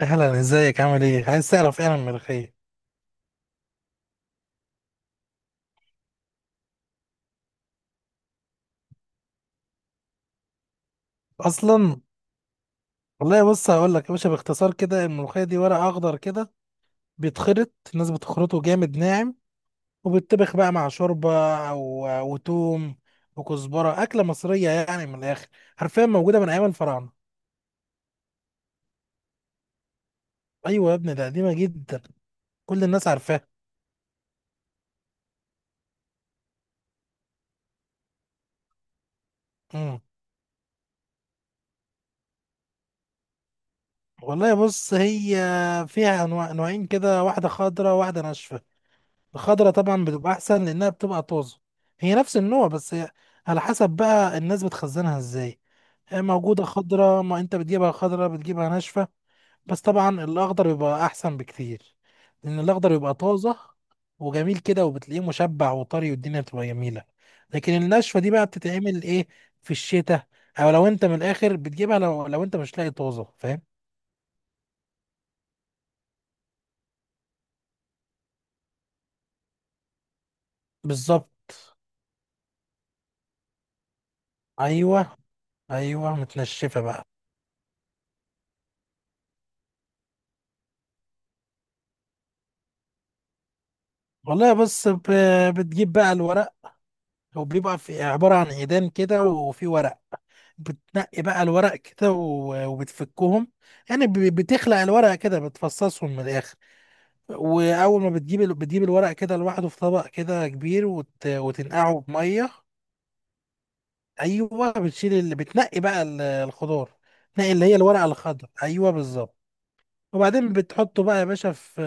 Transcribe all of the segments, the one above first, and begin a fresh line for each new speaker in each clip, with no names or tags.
اهلا، ازيك؟ عامل ايه؟ عايز تعرف ايه عن الملوخيه اصلا؟ والله بص هقول لك يا باشا، باختصار كده الملوخيه دي ورق اخضر كده، بيتخرط، الناس بتخرطه جامد ناعم، وبيتطبخ بقى مع شوربه او وتوم وكزبره. اكله مصريه يعني من الاخر، حرفيا موجوده من ايام الفراعنه. ايوه يا ابني، ده قديمه جدا، كل الناس عارفاها. امم والله بص، هي فيها انواع، نوعين كده، واحده خضراء واحده ناشفه. الخضرة طبعا بتبقى احسن لانها بتبقى طازة. هي نفس النوع بس هي على حسب بقى الناس بتخزنها ازاي. هي موجودة خضرة، ما انت بتجيبها خضرة بتجيبها ناشفة. بس طبعا الاخضر بيبقى احسن بكتير، لان الاخضر بيبقى طازة وجميل كده، وبتلاقيه مشبع وطري، والدنيا بتبقى جميلة. لكن الناشفة دي بقى بتتعمل ايه؟ في الشتاء، او لو انت من الاخر بتجيبها لو انت مش لاقي طازة، فاهم. بالظبط. ايوه، ايوه متنشفة بقى. والله بص، بتجيب بقى الورق. هو بيبقى في عبارة عن عيدان كده وفي ورق. بتنقي بقى الورق كده وبتفكهم، يعني بتخلق الورق كده، بتفصصهم من الآخر. وأول ما بتجيب بتجيب الورق كده لوحده في طبق كده كبير، وت... وتنقعه بمية. أيوه بتشيل، اللي بتنقي بقى الخضار، تنقي اللي هي الورقة الخضراء. أيوه بالظبط. وبعدين بتحطه بقى يا باشا في،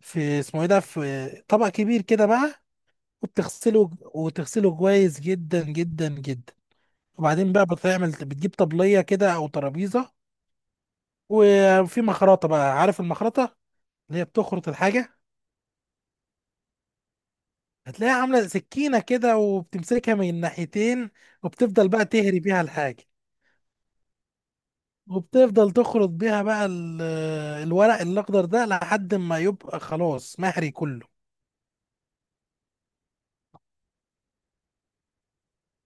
في اسمه ايه ده، في طبق كبير كده بقى، وبتغسله، وتغسله كويس جدا جدا جدا. وبعدين بقى بتعمل، بتجيب طبلية كده أو ترابيزة، وفي مخرطة بقى، عارف المخرطة اللي هي بتخرط الحاجة؟ هتلاقيها عاملة سكينة كده وبتمسكها من الناحيتين، وبتفضل بقى تهري بيها الحاجة، وبتفضل تخرط بيها بقى الورق الأخضر ده لحد ما يبقى خلاص مهري كله.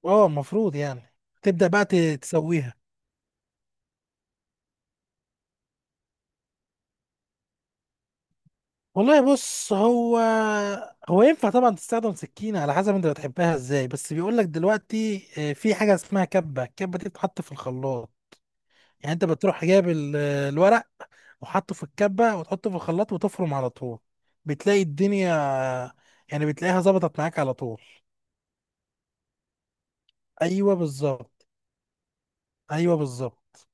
اه المفروض يعني تبدأ بقى تسويها. والله بص هو، هو ينفع طبعا تستخدم سكينة على حسب انت بتحبها ازاي، بس بيقول لك دلوقتي في حاجة اسمها كبة، الكبة دي بتتحط في الخلاط. يعني انت بتروح جايب الورق وحطه في الكبة وتحطه في الخلاط وتفرم على طول. بتلاقي الدنيا، يعني بتلاقيها ظبطت معاك على طول. ايوه بالظبط، ايوه بالظبط.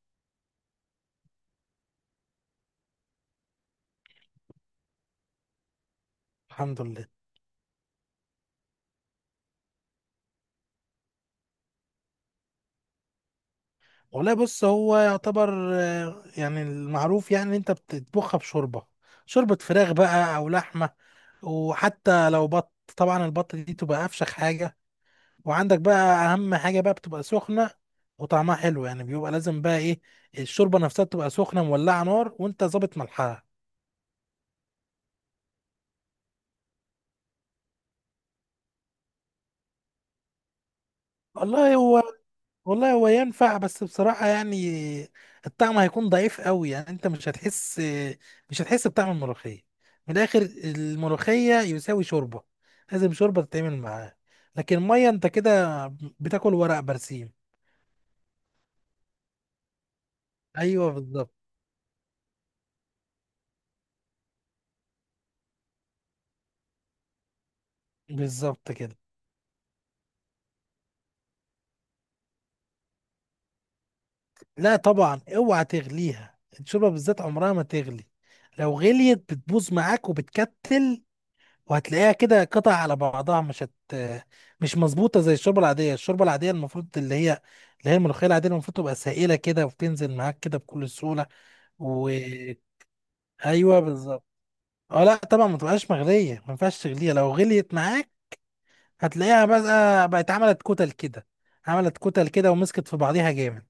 الحمد لله. والله بص، هو يعتبر يعني المعروف يعني إن انت بتطبخها بشوربة، شوربة فراخ بقى او لحمة، وحتى لو بط، طبعا البط دي تبقى افشخ حاجة. وعندك بقى، اهم حاجة بقى بتبقى سخنة وطعمها حلو، يعني بيبقى لازم بقى ايه، الشوربة نفسها تبقى سخنة مولعة نار، وانت ظابط ملحها. والله هو، والله هو ينفع، بس بصراحة يعني الطعم هيكون ضعيف قوي، يعني انت مش هتحس، مش هتحس بطعم الملوخية. من الآخر الملوخية يساوي شوربة، لازم شوربة تتعمل معاه. لكن مية انت كده بتاكل ورق برسيم. ايوه بالظبط. بالظبط كده. لا طبعا اوعى تغليها، الشوربة بالذات عمرها ما تغلي، لو غليت بتبوظ معاك وبتكتل، وهتلاقيها كده قطع على بعضها، مش مظبوطه زي الشوربه العاديه. الشوربه العاديه المفروض، اللي هي اللي هي الملوخيه العاديه، المفروض تبقى سائله كده وبتنزل معاك كده بكل سهوله. و ايوه بالظبط. اه لا طبعا ما تبقاش مغليه، ما ينفعش تغليها، لو غليت معاك هتلاقيها بقى بقت عملت كتل كده، عملت كتل كده ومسكت في بعضيها جامد.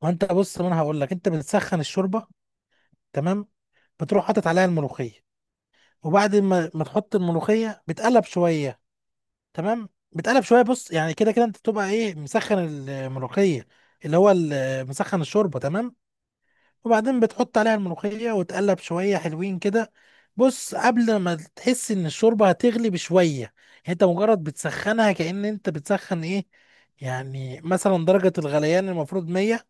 وانت بص، ما انا هقول لك، انت بتسخن الشوربه، تمام، بتروح حاطط عليها الملوخيه، وبعد ما تحط الملوخيه بتقلب شويه، تمام بتقلب شويه. بص يعني كده كده انت بتبقى ايه، مسخن الملوخيه، اللي هو مسخن الشوربه، تمام. وبعدين بتحط عليها الملوخيه وتقلب شويه حلوين كده. بص قبل ما تحس ان الشوربه هتغلي بشويه، يعني انت مجرد بتسخنها، كأن انت بتسخن ايه، يعني مثلا درجه الغليان المفروض 100،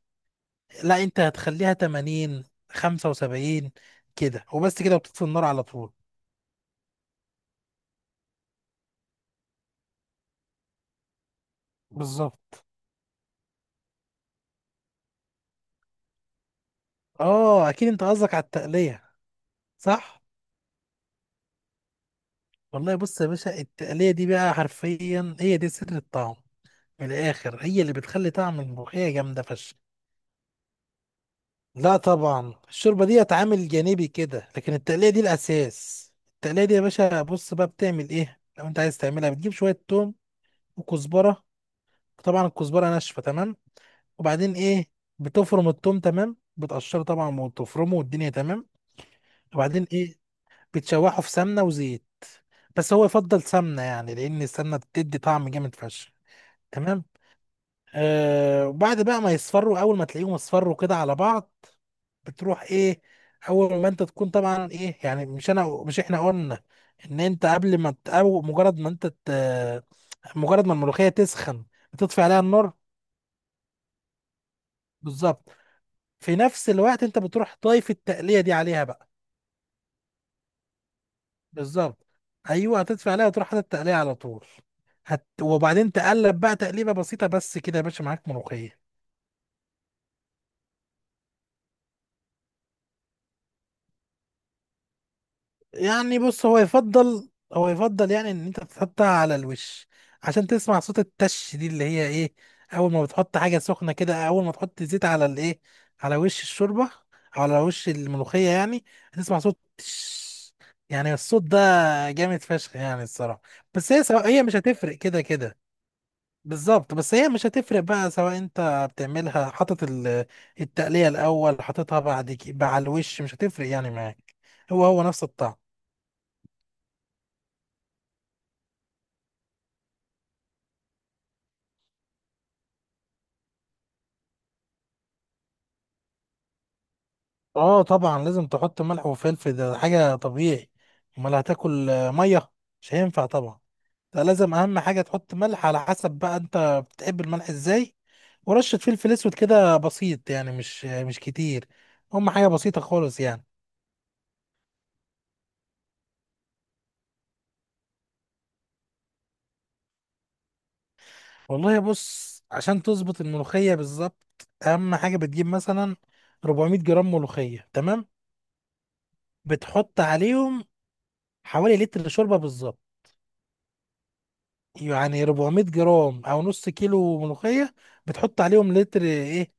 لا انت هتخليها 80، 75 كده وبس، كده وبتطفي النار على طول. بالظبط. اه اكيد انت قصدك على التقليه؟ صح. والله بص يا باشا، التقلية دي بقى حرفيا هي دي سر الطعم. من الآخر هي اللي بتخلي طعم الملوخية جامدة فشخ. لا طبعا الشوربة دي عامل جانبي كده، لكن التقلية دي الأساس. التقلية دي يا باشا، بص بقى بتعمل إيه لو أنت عايز تعملها. بتجيب شوية توم وكزبرة، طبعا الكزبرة ناشفة، تمام. وبعدين إيه، بتفرم التوم، تمام بتقشره طبعا وتفرمه والدنيا تمام. وبعدين إيه، بتشوحه في سمنة وزيت، بس هو يفضل سمنة يعني، لأن السمنة بتدي طعم جامد فشخ، تمام. وبعد بقى ما يصفروا، اول ما تلاقيهم اصفروا كده على بعض، بتروح ايه، اول ما انت تكون طبعا ايه يعني، مش انا، مش احنا قلنا ان انت قبل ما او مجرد ما انت مجرد ما الملوخيه تسخن بتطفي عليها النار. بالظبط. في نفس الوقت انت بتروح ضايف التقليه دي عليها بقى. بالظبط، ايوه هتطفي عليها وتروح حاطط التقليه على طول. وبعدين تقلب بقى تقليبه بسيطه بس كده يا باشا، معاك ملوخيه. يعني بص، هو يفضل، هو يفضل يعني ان انت تحطها على الوش، عشان تسمع صوت التش دي اللي هي ايه. اول ما بتحط حاجه سخنه كده، اول ما تحط زيت على الايه، على وش الشوربه او على وش الملوخيه يعني، هتسمع صوت تش، يعني الصوت ده جامد فشخ يعني الصراحه. بس هي سواء، هي مش هتفرق كده كده. بالظبط بس هي مش هتفرق بقى، سواء انت بتعملها حاطط التقليه الاول، حاططها بعد كده على الوش، مش هتفرق يعني معاك، هو هو نفس الطعم. اه طبعا لازم تحط ملح وفلفل، ده حاجة طبيعي، امال هتاكل مية؟ مش هينفع طبعا. ده لازم، اهم حاجة تحط ملح، على حسب بقى انت بتحب الملح ازاي، ورشة فلفل اسود كده بسيط، يعني مش مش كتير، هم حاجة بسيطة خالص يعني. والله بص، عشان تظبط الملوخية بالظبط، اهم حاجة بتجيب مثلا 400 جرام ملوخية، تمام، بتحط عليهم حوالي لتر شوربة بالظبط. يعني 400 جرام او نص كيلو ملوخيه، بتحط عليهم لتر ايه،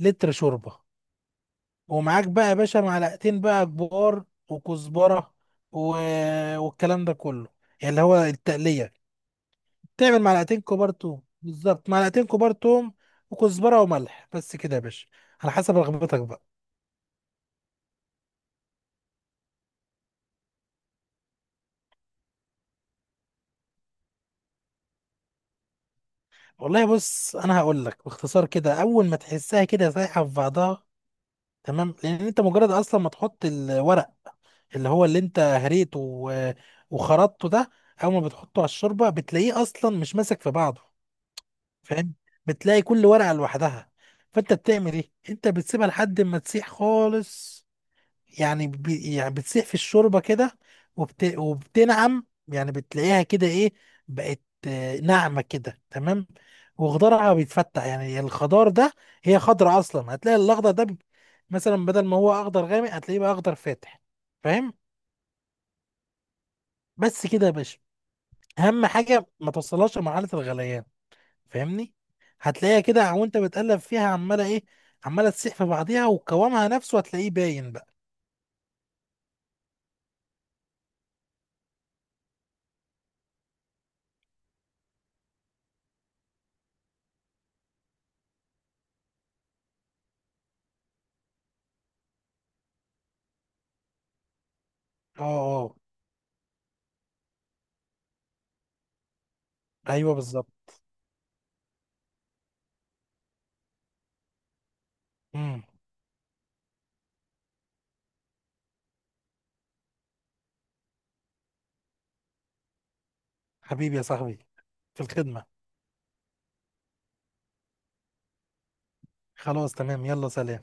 لتر شوربه. ومعاك بقى يا باشا معلقتين بقى كبار، وكزبره و... والكلام ده كله، يعني اللي هو التقليه. تعمل معلقتين كبار توم، بالظبط معلقتين كبار توم، وكزبره وملح، بس كده يا باشا، على حسب رغبتك بقى. والله بص انا هقول لك باختصار كده، اول ما تحسها كده سايحه في بعضها، تمام. لان انت مجرد اصلا ما تحط الورق، اللي هو اللي انت هريته وخرطته ده، اول ما بتحطه على الشوربه بتلاقيه اصلا مش ماسك في بعضه، فاهم. بتلاقي كل ورقه لوحدها. فانت بتعمل ايه، انت بتسيبها لحد ما تسيح خالص، يعني بي يعني بتسيح في الشوربه كده، وبت وبتنعم، يعني بتلاقيها كده ايه، بقت ناعمه كده، تمام. وخضارها بيتفتح، يعني الخضار ده، هي خضرة اصلا، هتلاقي الاخضر ده مثلا بدل ما هو اخضر غامق هتلاقيه بقى اخضر فاتح. فاهم. بس كده يا باشا، اهم حاجه ما توصلهاش لمرحله الغليان، فاهمني. هتلاقيها كده وانت بتقلب فيها عماله ايه، عماله تسيح في بعضيها وقوامها نفسه هتلاقيه باين بقى. اه اه. ايوه بالظبط. امم حبيبي يا صاحبي، في الخدمه. خلاص تمام، يلا سلام.